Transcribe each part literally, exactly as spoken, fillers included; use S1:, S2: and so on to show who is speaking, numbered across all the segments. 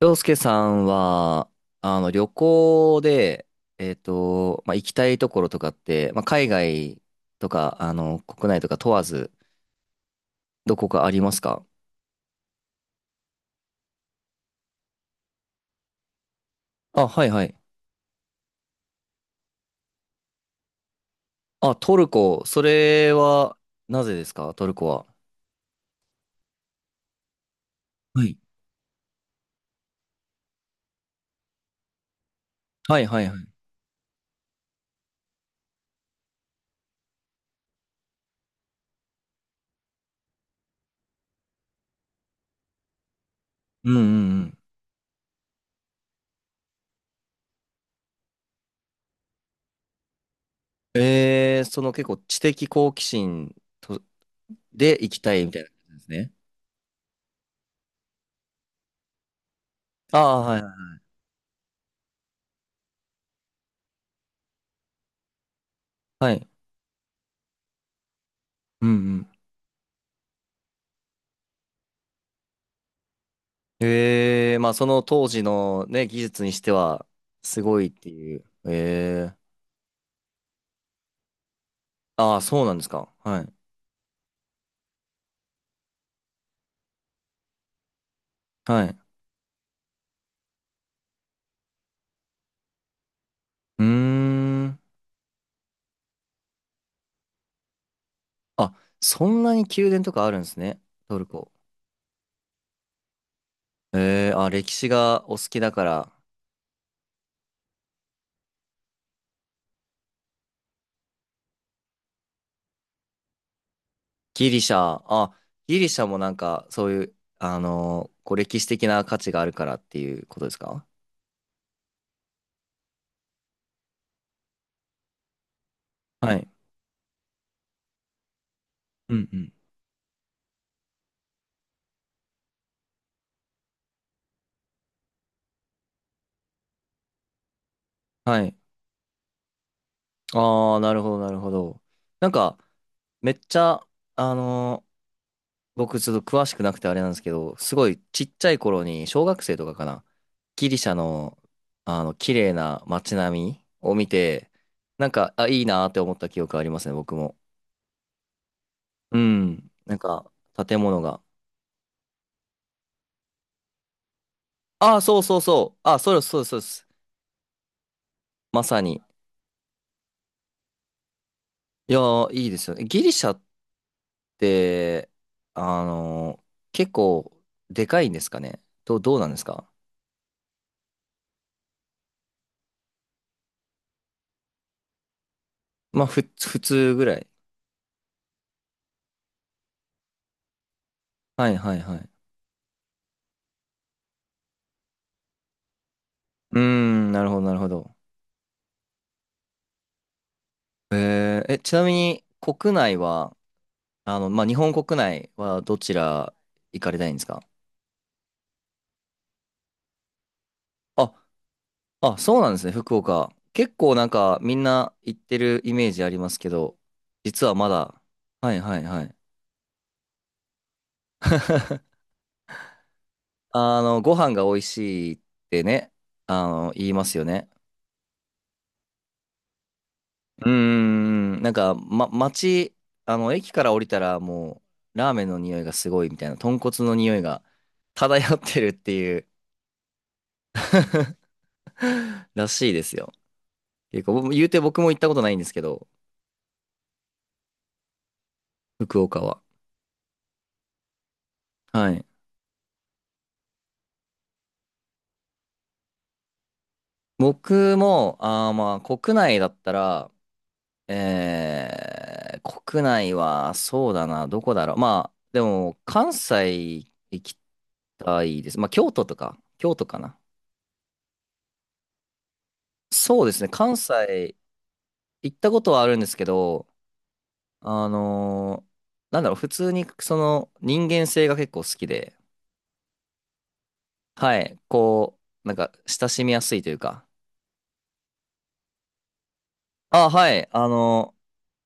S1: 洋介さんは、あの、旅行で、えっと、まあ、行きたいところとかって、まあ、海外とか、あの、国内とか問わず、どこかありますか？あ、はいはい。あ、トルコ。それは、なぜですかトルコは。はいはいはいはい。うんうんうん。えー、その結構知的好奇心とで行きたいみたいな感じですね。ああ、はいはい。はい。うんうん。ええ、まあその当時のね、技術にしてはすごいっていう。ええ。ああ、そうなんですか。はい。はい。うーん。あ、そんなに宮殿とかあるんですね。トルコ。ええ、あ、歴史がお好きだから。ギリシャ、あ、ギリシャもなんかそういう、あのーこう歴史的な価値があるからっていうことですか？はい。うんうん。はい。ああ、なるほど、なるほど。なんか、めっちゃ、あのー僕ちょっと詳しくなくてあれなんですけど、すごいちっちゃい頃に小学生とかかな、ギリシャのあの綺麗な街並みを見て、なんか、あ、いいなーって思った記憶ありますね、僕も。うん。なんか、建物が。ああ、そうそうそう。あ、そうです、そうです、そうです。まさに。いやー、いいですよね。ギリシャって、あのー結構、でかいんですかね。どう、どうなんですか？まあ、ふ、普通ぐらい。はい、はい、はい。うーん、なるほど、なるほど。えー、え、ちなみに国内は、あの、まあ、日本国内はどちら行かれたいんですか？あ、あ、そうなんですね、福岡。結構なんかみんな行ってるイメージありますけど、実はまだ、はいはいはい。あの、ご飯が美味しいってね、あの、言いますよね。うーん、なんか、ま、街、あの、駅から降りたらもう、ラーメンの匂いがすごいみたいな、豚骨の匂いが漂ってるっていう。 らしいですよ。結構、言うて僕も行ったことないんですけど、福岡は。はい。僕も、あー、まあ、国内だったら、えー、国内は、そうだな、どこだろう。まあ、でも、関西行きたいです。まあ、京都とか、京都かな。そうですね、関西行ったことはあるんですけど、あのーなんだろう、普通に、その、人間性が結構好きで、はい、こう、なんか、親しみやすいというか、あ、はい。あの、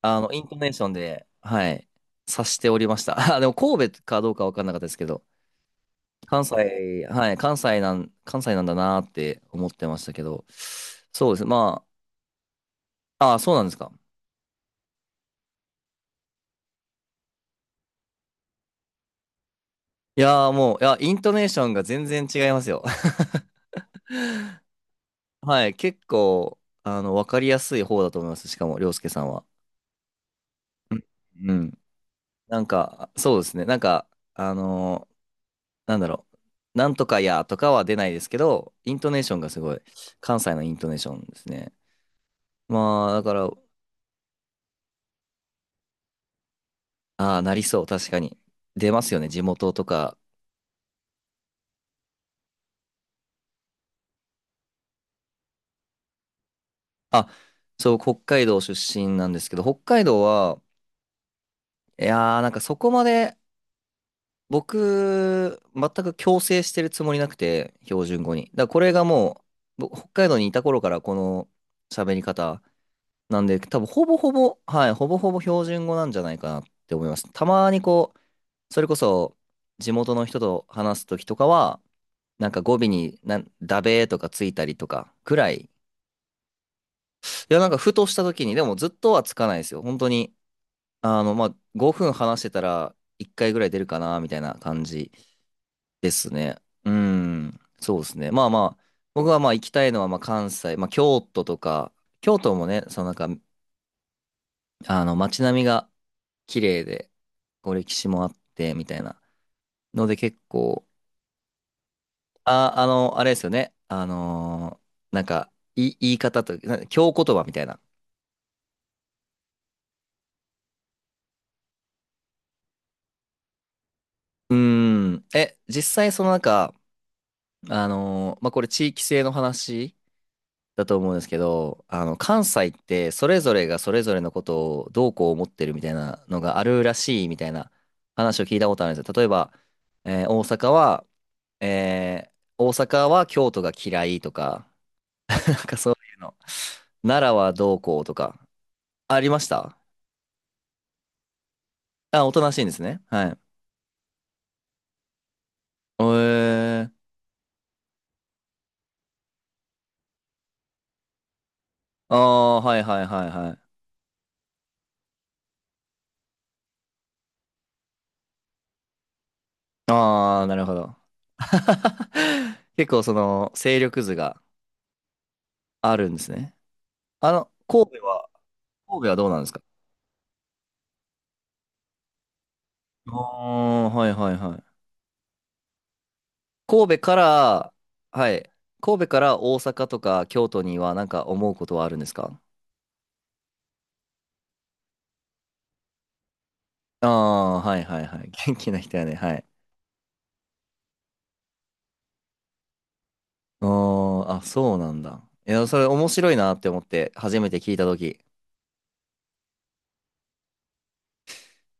S1: あの、イントネーションで、はい、察しておりました。あ、でも神戸かどうかわかんなかったですけど、関西、はい、関西なん、関西なんだなーって思ってましたけど、そうです。まあ、あ、そうなんですか。いやーもう、いや、イントネーションが全然違いますよ。はい、結構、あの、わかりやすい方だと思います。しかも、り介さんは。うんうん。なんか、そうですね。なんか、あのーなんだろう。なんとかやとかは出ないですけど、イントネーションがすごい、関西のイントネーションですね。まあ、だから、ああ、なりそう、確かに。出ますよね、地元とか。あ、そう、北海道出身なんですけど、北海道は、いやー、なんかそこまで、僕、全く強制してるつもりなくて、標準語に。だからこれがもう、僕北海道にいた頃からこの喋り方なんで、多分ほぼほぼ、はい、ほぼほぼ標準語なんじゃないかなって思います。たまにこう、それこそ、地元の人と話すときとかは、なんか語尾になんダベーとかついたりとかくらい。いや、なんかふとした時に、でもずっとはつかないですよ。本当に、あの、まあ、ごふん話してたらいっかいぐらい出るかな、みたいな感じですね。うん、そうですね。まあまあ、僕はまあ行きたいのはまあ関西、まあ京都とか、京都もね、そのなんか、あの街並みが綺麗で、こう歴史もあって、みたいな。ので結構、あ、あの、あれですよね。あのーなんか、い言い方と、な京言葉みたいな。うーん。え、実際そのなんか、あのーまあ、これ地域性の話だと思うんですけど、あの、関西ってそれぞれがそれぞれのことをどうこう思ってるみたいなのがあるらしいみたいな話を聞いたことあるんですよ。例えば、えー大阪は、えー大阪は京都が嫌いとか、なんかそういうの。奈良はどうこうとか、ありました？あ、おとなしいんですね。はい。えー、ああ、はいはいはいはい。ああ、なるほど。結構その勢力図があるんですね。あの、神戸は、神戸はどうなんですか？ああー、はいはいはい。神戸から、はい。神戸から大阪とか京都にはなんか思うことはあるんですか？ああー、はいはいはい。元気な人やね。はい。あーあ、そうなんだ。いや、それ面白いなって思って、初めて聞いたとき。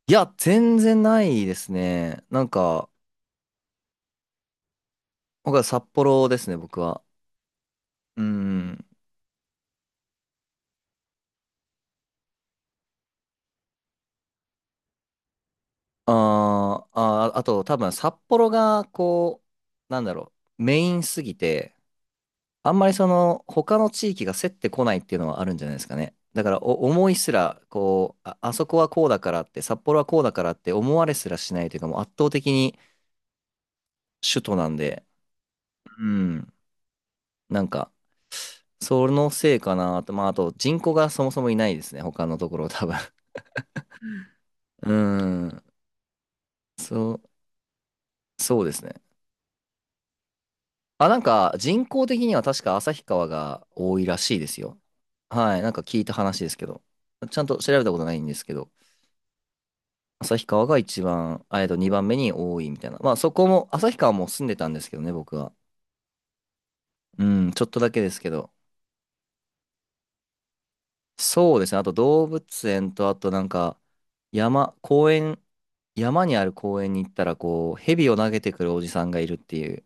S1: いや、全然ないですね。なんか、僕は札幌ですね、僕は。うん。あーあー、あと多分札幌がこう、なんだろう、メインすぎて、あんまりその他の地域が競ってこないっていうのはあるんじゃないですかね。だからお思いすら、こう、あ、あそこはこうだからって、札幌はこうだからって思われすらしないというか、もう圧倒的に首都なんで、うん、なんか、そのせいかなと、まああと人口がそもそもいないですね、他のところ多分。うん、そう、そうですね。あ、なんか人口的には確か旭川が多いらしいですよ。はい、なんか聞いた話ですけど、ちゃんと調べたことないんですけど、旭川が一番、あえっと、にばんめに多いみたいな。まあそこも、旭川も住んでたんですけどね、僕は。うん、ちょっとだけですけど。そうですね、あと動物園と、あとなんか、山、公園、山にある公園に行ったら、こう、蛇を投げてくるおじさんがいるっていう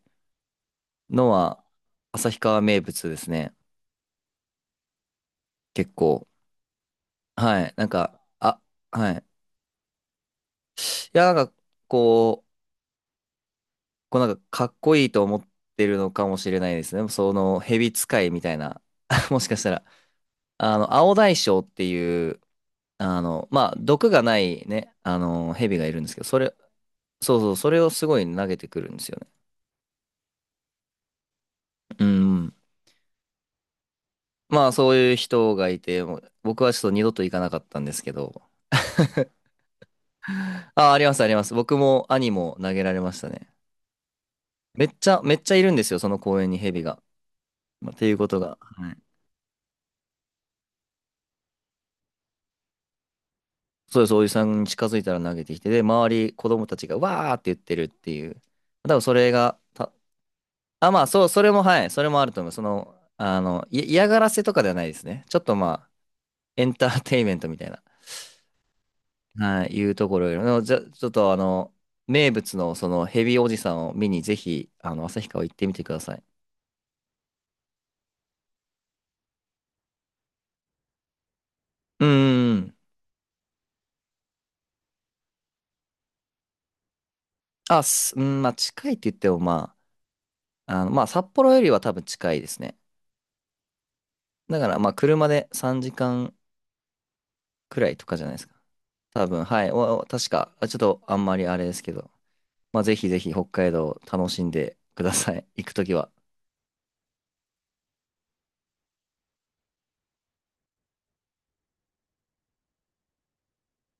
S1: のは、旭川名物ですね。結構。はい、なんか、あ、はい。いや、なんか、こう、こうなんかかっこいいと思ってるのかもしれないですね。その蛇使いみたいな。もしかしたら。あの、青大将っていう、あの、まあ、毒がないね、あの、蛇がいるんですけど、それ、そうそう、それをすごい投げてくるんですよね。うん。まあ、そういう人がいて、もう僕はちょっと二度と行かなかったんですけど。あ、ありますあります。僕も兄も投げられましたね。めっちゃ、めっちゃいるんですよ、その公園に蛇が。まあっていうことが。はい。そうです、おじさんに近づいたら投げてきて、で、周り、子供たちがわーって言ってるっていう。多分それが、た、あ、まあ、そう、それも、はい、それもあると思う。その、あの、い嫌がらせとかではないですね。ちょっとまあ、エンターテインメントみたいな、はい、いうところよりも、じゃ、ちょっとあの、名物のそのヘビおじさんを見に、ぜひ、あの、旭川行ってみてください。うーん。あ、す、うん、まあ、近いって言っても、まあ、あの、まあ、札幌よりは多分近いですね。だから、まあ、車でさんじかんくらいとかじゃないですか。多分、はい。お、お確か、あちょっとあんまりあれですけど、まあ、ぜひぜひ北海道楽しんでください。行くときは。